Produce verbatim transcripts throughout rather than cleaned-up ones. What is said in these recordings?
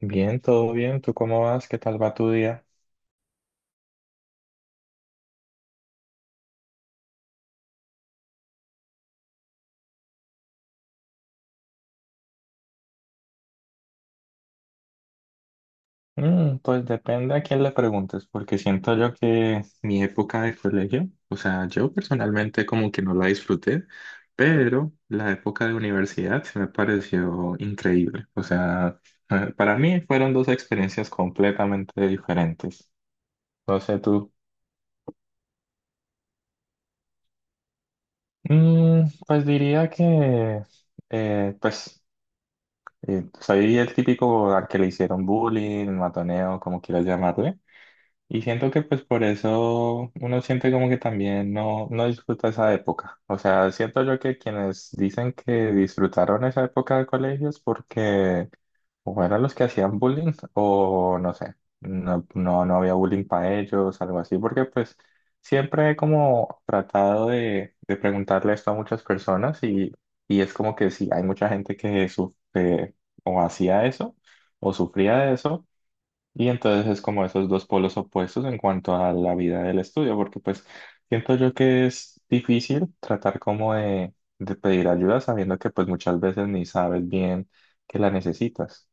Bien, todo bien. ¿Tú cómo vas? ¿Qué tal va tu día? Mm, pues depende a quién le preguntes, porque siento yo que mi época de colegio, o sea, yo personalmente como que no la disfruté, pero la época de universidad se me pareció increíble. O sea, eh, para mí fueron dos experiencias completamente diferentes. No sé tú. Mm, pues diría que, eh, pues, eh, soy el típico al que le hicieron bullying, matoneo, como quieras llamarle. Y siento que pues por eso uno siente como que también no, no disfruta esa época. O sea, siento yo que quienes dicen que disfrutaron esa época de colegio es porque o eran los que hacían bullying o no sé, no, no, no había bullying para ellos, algo así, porque pues siempre he como tratado de, de preguntarle esto a muchas personas y, y es como que sí, hay mucha gente que sufre o hacía eso o sufría de eso y entonces es como esos dos polos opuestos en cuanto a la vida del estudio, porque pues siento yo que es difícil tratar como de, de pedir ayuda sabiendo que pues muchas veces ni sabes bien que la necesitas.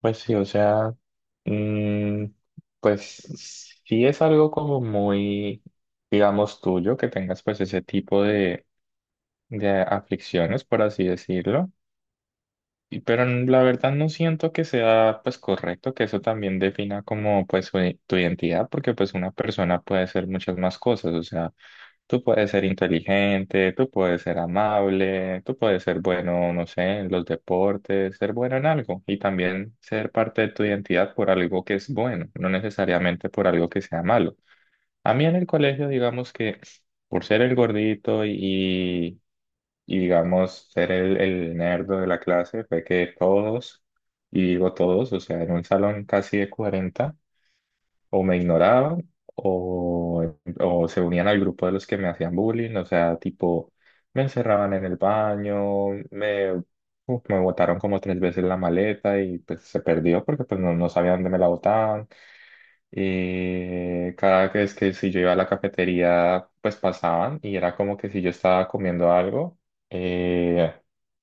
Pues sí, o sea, mm, pues sí es algo como muy, digamos, tuyo que tengas pues ese tipo de, de aflicciones, por así decirlo. Y- Pero n- la verdad no siento que sea pues correcto que eso también defina como pues su i- tu identidad, porque pues una persona puede ser muchas más cosas, o sea, tú puedes ser inteligente, tú puedes ser amable, tú puedes ser bueno, no sé, en los deportes, ser bueno en algo y también ser parte de tu identidad por algo que es bueno, no necesariamente por algo que sea malo. A mí en el colegio digamos que por ser el gordito y y digamos ser el, el nerdo de la clase fue que todos, y digo todos, o sea, en un salón casi de cuarenta o me ignoraban o, o se unían al grupo de los que me hacían bullying, o sea, tipo, me encerraban en el baño, me, uf, me botaron como tres veces la maleta y pues se perdió porque pues no, no sabía dónde me la botaban. Y cada vez que si yo iba a la cafetería, pues pasaban y era como que si yo estaba comiendo algo, eh,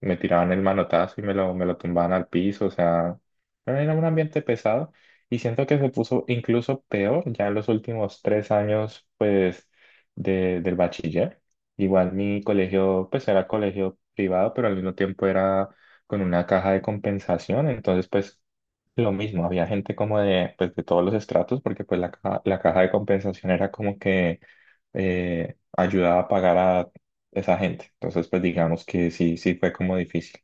me tiraban el manotazo y me lo, me lo tumbaban al piso. O sea, bueno, era un ambiente pesado y siento que se puso incluso peor ya en los últimos tres años, pues, de- del bachiller. Igual mi colegio, pues era colegio privado, pero al mismo tiempo era con una caja de compensación. Entonces, pues lo mismo, había gente como de, pues, de todos los estratos, porque pues la caja, la caja de compensación era como que eh, ayudaba a pagar a esa gente. Entonces, pues digamos que sí, sí fue como difícil.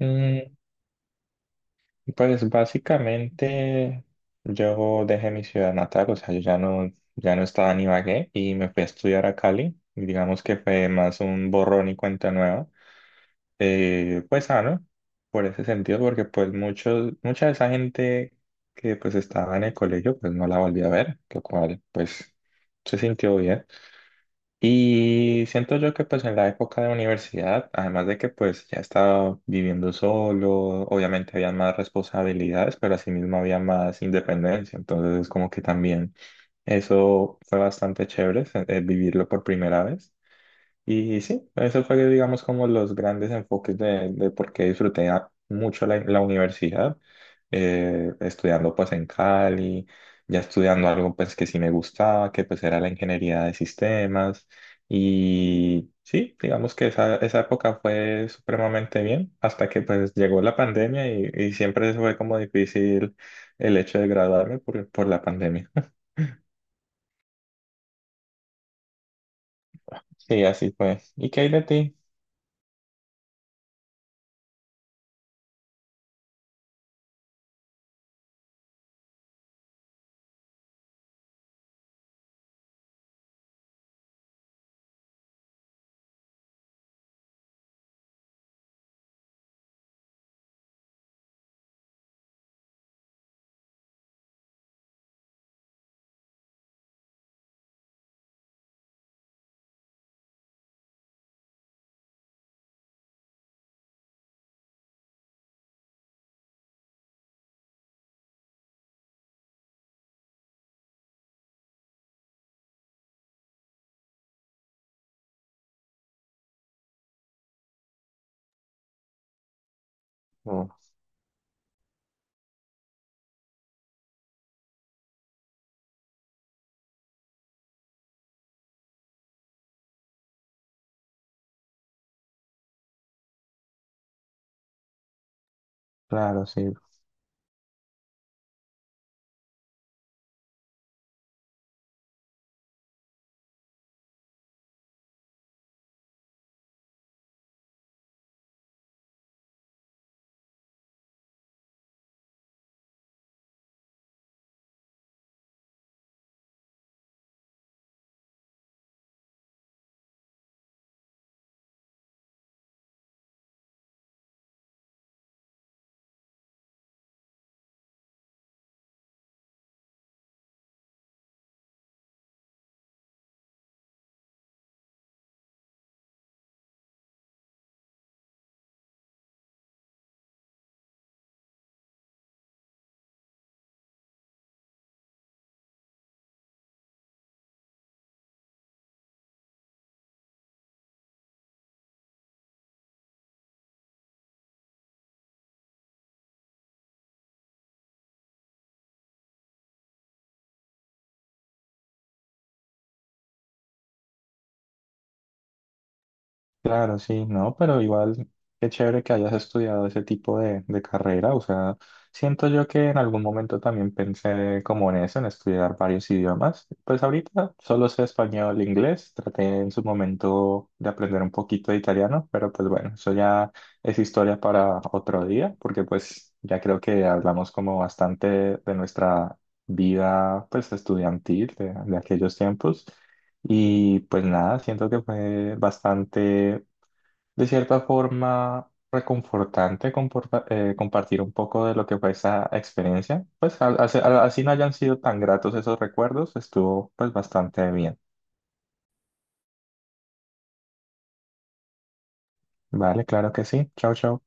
Mm, pues básicamente yo dejé mi ciudad natal, o sea, yo ya no, ya no estaba en Ibagué y me fui a estudiar a Cali. Y digamos que fue más un borrón y cuenta nueva. Eh, pues sano por ese sentido, porque pues muchos, mucha de esa gente que pues estaba en el colegio, pues no la volví a ver, lo cual pues se sintió bien. Y siento yo que pues en la época de universidad, además de que pues ya estaba viviendo solo, obviamente había más responsabilidades, pero asimismo había más independencia, entonces como que también eso fue bastante chévere, se- eh, vivirlo por primera vez. Y sí, eso fue, digamos, como los grandes enfoques de, de por qué disfruté a- mucho la, la universidad, eh, estudiando pues en Cali, ya estudiando algo pues que sí me gustaba, que pues era la ingeniería de sistemas. Y sí, digamos que esa, esa época fue supremamente bien, hasta que pues llegó la pandemia y, y siempre fue como difícil el hecho de graduarme por, por la pandemia. Sí, así fue. ¿Y qué hay de ti? Oh, claro, sí. Claro, sí, no, pero igual qué chévere que hayas estudiado ese tipo de, de carrera. O sea, siento yo que en algún momento también pensé como en eso, en estudiar varios idiomas. Pues ahorita solo sé español e inglés. Traté en su momento de aprender un poquito de italiano, pero pues bueno, eso ya es historia para otro día, porque pues ya creo que hablamos como bastante de nuestra vida pues estudiantil de de aquellos tiempos. Y pues nada, siento que fue bastante de cierta forma reconfortante comporta- eh, compartir un poco de lo que fue esa experiencia. Pues al- al- al- así no hayan sido tan gratos esos recuerdos, estuvo pues bastante bien. Vale, claro que sí. Chao, chao.